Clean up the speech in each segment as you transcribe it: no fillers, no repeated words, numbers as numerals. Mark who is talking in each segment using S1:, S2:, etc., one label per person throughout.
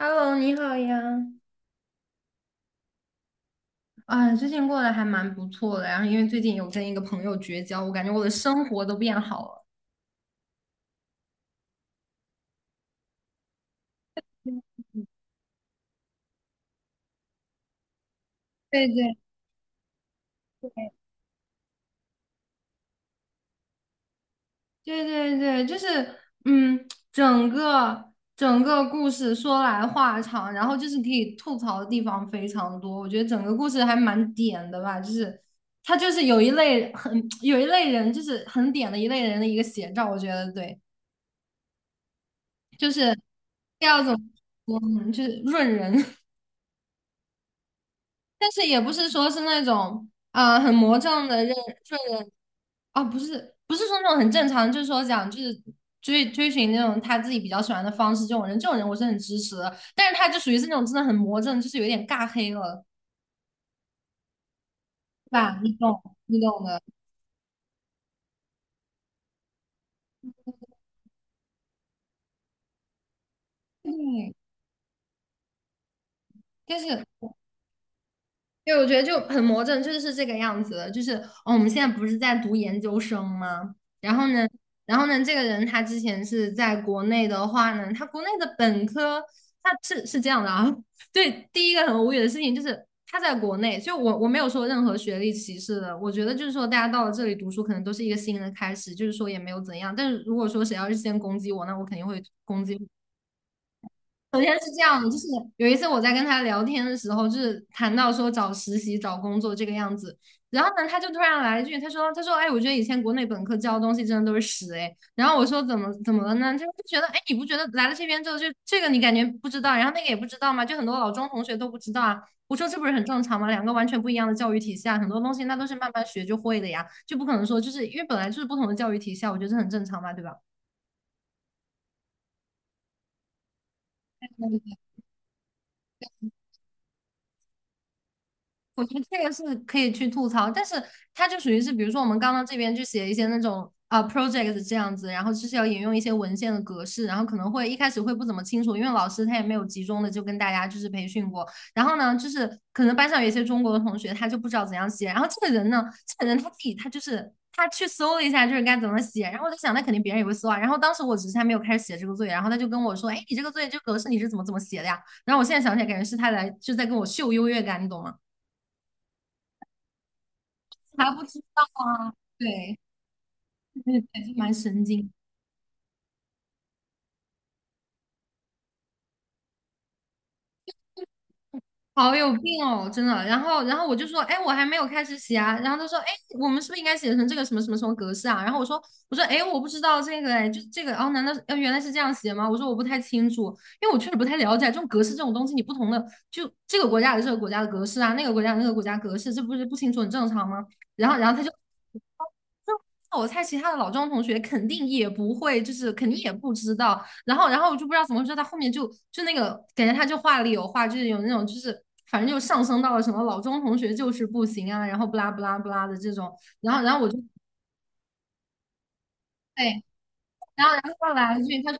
S1: Hello，你好呀。啊，最近过得还蛮不错的，然后因为最近有跟一个朋友绝交，我感觉我的生活都变好了。对对对对对，对，就是嗯，整个故事说来话长，然后就是可以吐槽的地方非常多。我觉得整个故事还蛮点的吧，就是他就是有一类很 有一类人，就是很点的一类人的一个写照。我觉得对，就是第二种，说呢？就是润人。但是也不是说是那种很魔怔的认顺人啊，不是说那种很正常，就是说讲就是追寻那种他自己比较喜欢的方式，这种人我是很支持的，但是他就属于是那种真的很魔怔，就是有点尬黑了，对吧？你懂的，嗯，但是。对，我觉得就很魔怔，就是这个样子的。就是哦，我们现在不是在读研究生吗？然后呢，然后呢，这个人他之前是在国内的话呢，他国内的本科他是这样的啊。对，第一个很无语的事情就是他在国内，就我没有说任何学历歧视的，我觉得就是说大家到了这里读书，可能都是一个新的开始，就是说也没有怎样。但是如果说谁要是先攻击我，那我肯定会攻击。首先是这样的，就是有一次我在跟他聊天的时候，就是谈到说找实习、找工作这个样子，然后呢，他就突然来一句，他说："哎，我觉得以前国内本科教的东西真的都是屎，哎。"然后我说："怎么了呢？"他就觉得，哎，你不觉得来了这边之后，就这个你感觉不知道，然后那个也不知道吗？就很多老中同学都不知道啊。"我说："这不是很正常吗？两个完全不一样的教育体系啊，很多东西那都是慢慢学就会的呀，就不可能说就是因为本来就是不同的教育体系啊，我觉得这很正常嘛，对吧？"我觉得这个是可以去吐槽，但是它就属于是，比如说我们刚刚这边就写一些那种啊、project 这样子，然后就是要引用一些文献的格式，然后可能会一开始会不怎么清楚，因为老师他也没有集中的就跟大家就是培训过。然后呢，就是可能班上有一些中国的同学他就不知道怎样写，然后这个人呢，这个人他自己他就是他去搜了一下就是该怎么写，然后我就想那肯定别人也会搜啊。然后当时我只是还没有开始写这个作业，然后他就跟我说，哎，你这个作业这个格式你是怎么写的呀？然后我现在想起来，感觉是他来就在跟我秀优越感，你懂吗？还不知道啊，对，对，还是蛮神经，好有病哦，真的。然后我就说，哎，我还没有开始写啊。然后他说，哎，我们是不是应该写成这个什么什么格式啊？然后我说，哎，我不知道这个，哎，就这个，哦，难道是原来是这样写吗？我说我不太清楚，因为我确实不太了解这种格式这种东西，你不同的就这个国家有这个国家的格式啊，那个国家有那个国家格式，这不是不清楚很正常吗？然后他就。就我猜，其他的老庄同学肯定也不会，就是肯定也不知道。然后我就不知道怎么回事，他后面就就那个感觉他就话里有话，就是有那种就是反正就上升到了什么老钟同学就是不行啊，然后不拉不拉不拉的这种，然后我就对然后他来了句，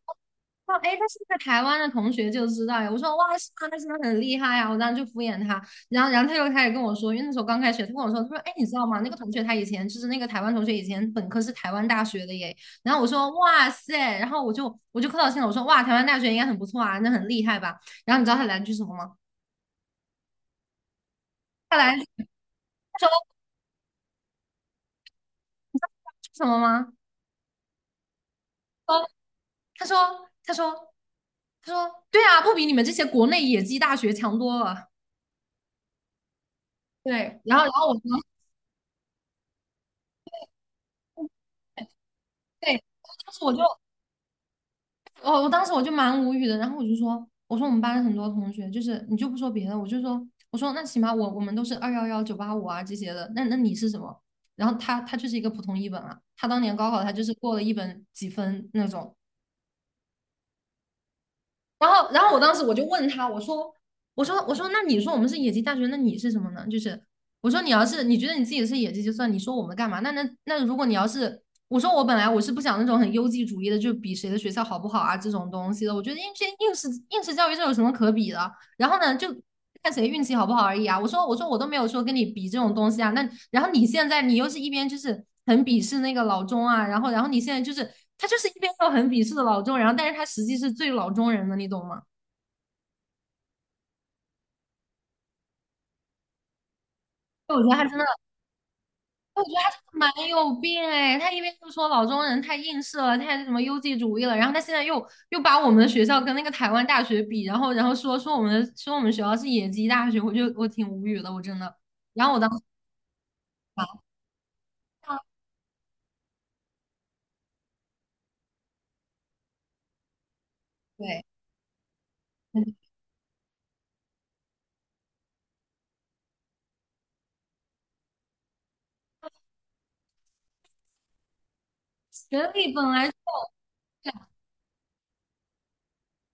S1: 他说，哎，诶他是在台湾的同学就知道呀。我说，哇，是吗？那真的很厉害呀！我当时就敷衍他，然后他又开始跟我说，因为那时候刚开学，他跟我说，他说，哎，你知道吗？那个同学他以前就是那个台湾同学，以前本科是台湾大学的耶。然后我说，哇塞，然后我就客套性了，我说，哇，台湾大学应该很不错啊，那很厉害吧？然后你知道他来了句什么吗？他来了句他说什么吗？说他说他说他说，对啊，不比你们这些国内野鸡大学强多了。对，然后我说。对，当时我就，当时我就蛮无语的，然后我就说，我说我们班很多同学，就是你就不说别的，我说那起码我们都是211、985啊这些的，那你是什么？然后他就是一个普通一本啊，他当年高考他就是过了一本几分那种，然后我当时我就问他，我说，那你说我们是野鸡大学，那你是什么呢？就是我说你要是你觉得你自己是野鸡就算，你说我们干嘛？那如果你要是我说我本来我是不想那种很优绩主义的，就比谁的学校好不好啊这种东西的，我觉得应试教育这有什么可比的？然后呢，就看谁运气好不好而已啊。我说我都没有说跟你比这种东西啊。那然后你现在你又是一边就是很鄙视那个老钟啊，然后你现在就是他就是一边又很鄙视的老钟，然后但是他实际是最老中人的，你懂吗？所以我觉得他真的，我觉得他真的蛮有病哎。他一边就说老中人太映射了，太什么优绩主义了，然后他现在又把我们的学校跟那个台湾大学比，然后说我们的说我们学校是野鸡大学，我挺无语的，我真的。然后我当时想，对。学历本来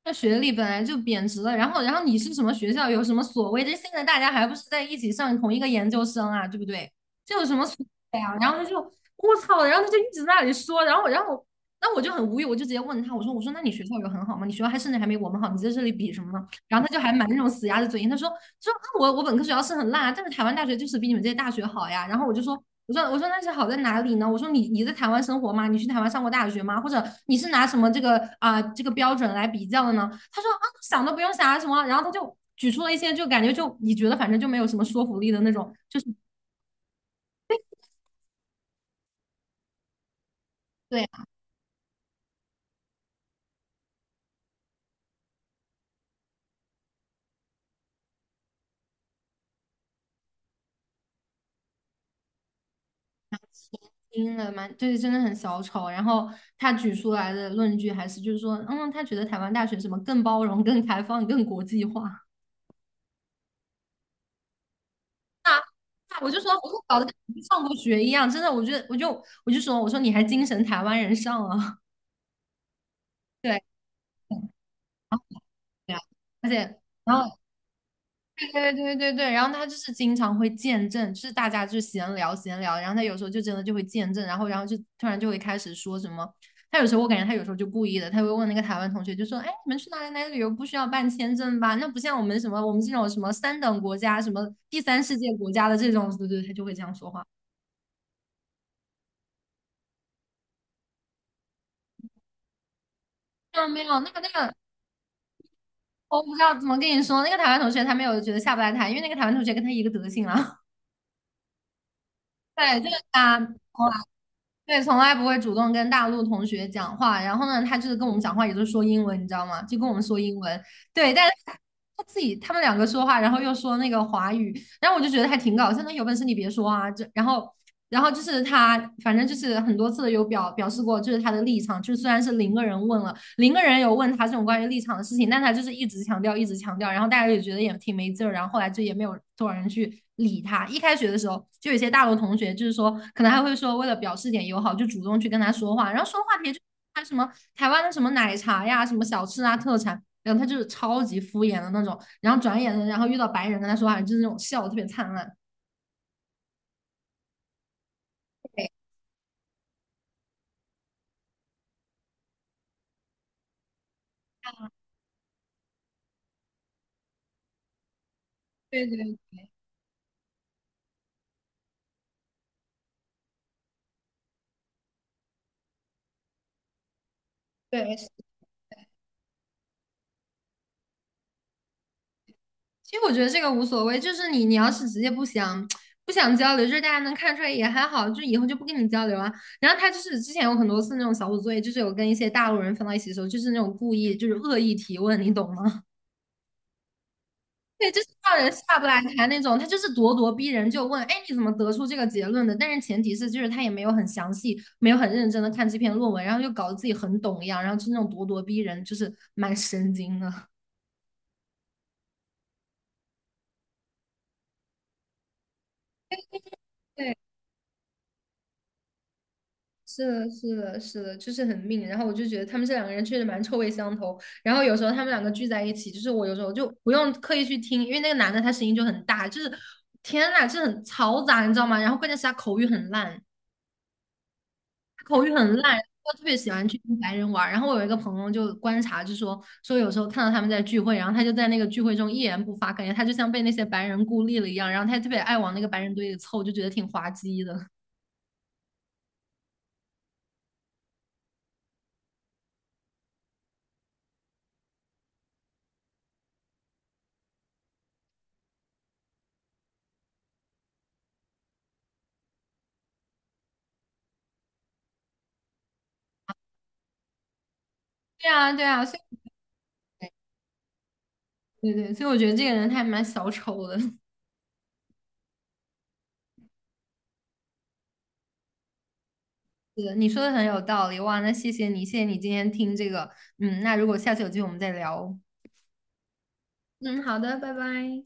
S1: 那学历本来就贬值了，然后你是什么学校，有什么所谓？这现在大家还不是在一起上同一个研究生啊，对不对？这有什么所谓啊？然后他就我操，然后他就一直在那里说，然后那我就很无语，我就直接问他，我说那你学校有很好吗？你学校还甚至还没我们好，你在这里比什么呢？然后他就还蛮那种死鸭子嘴硬，他说我本科学校是很烂啊，但是台湾大学就是比你们这些大学好呀。然后我就说我说那是好在哪里呢？我说你你在台湾生活吗？你去台湾上过大学吗？或者你是拿什么这个这个标准来比较的呢？他说啊想都不用想啊什么，然后他就举出了一些就感觉就你觉得反正就没有什么说服力的那种，就是对啊，听了蛮就是真的很小丑。然后他举出来的论据还是就是说嗯他觉得台湾大学什么更包容、更开放、更国际化。啊我就说，我说搞得跟没上过学一样，真的，我觉得，我就说，我说你还精神台湾人上了，对，对啊，而且，然后对对对，然后他就是经常会见证，就是大家就闲聊闲聊，然后他有时候就真的就会见证，然后就突然就会开始说什么，他有时候我感觉他有时候就故意的，他会问那个台湾同学，就说，哎，你们去哪里哪里旅游不需要办签证吧？那不像我们什么我们这种什么三等国家、什么第三世界国家的这种，对对，他就会这样说话。没有没有，那个，我不知道怎么跟你说，那个台湾同学他没有觉得下不来台，因为那个台湾同学跟他一个德行啊。对，就是他，对，从来不会主动跟大陆同学讲话。然后呢，他就是跟我们讲话，也就是说英文，你知道吗？就跟我们说英文。对，但是他自己他们两个说话，然后又说那个华语，然后我就觉得还挺搞笑。那有本事你别说啊！这然后然后就是他，反正就是很多次有表示过，就是他的立场，就是虽然是零个人问了，零个人有问他这种关于立场的事情，但他就是一直强调，一直强调，然后大家也觉得也挺没劲儿，然后后来就也没有多少人去理他。一开学的时候，就有些大陆同学就是说，可能还会说为了表示点友好，就主动去跟他说话，然后说话题就他什么台湾的什么奶茶呀、什么小吃啊、特产，然后他就是超级敷衍的那种，然后转眼的，然后遇到白人跟他说话，就是那种笑得特别灿烂。对对对对，是其实我觉得这个无所谓，就是你你要是直接不想不想交流，就是大家能看出来也还好，就以后就不跟你交流啊。然后他就是之前有很多次那种小组作业，就是有跟一些大陆人分到一起的时候，就是那种故意就是恶意提问，你懂吗？对，就是让人下不来台那种，他就是咄咄逼人，就问，哎，你怎么得出这个结论的？但是前提是就是他也没有很详细，没有很认真的看这篇论文，然后就搞得自己很懂一样，然后就那种咄咄逼人，就是蛮神经的。对是的，是的，是的，就是很命。然后我就觉得他们这两个人确实蛮臭味相投。然后有时候他们两个聚在一起，就是我有时候就不用刻意去听，因为那个男的他声音就很大，就是天呐，就很嘈杂，你知道吗？然后关键是他口语很烂，我特别喜欢去跟白人玩儿然后我有一个朋友就观察，就说有时候看到他们在聚会，然后他就在那个聚会中一言不发，感觉他就像被那些白人孤立了一样。然后他特别爱往那个白人堆里凑，就觉得挺滑稽的。对啊，对啊，所以对对，所以我觉得这个人他还蛮小丑的。是，你说的很有道理，哇，那谢谢你，谢谢你今天听这个，嗯，那如果下次有机会我们再聊哦嗯，好的，拜拜。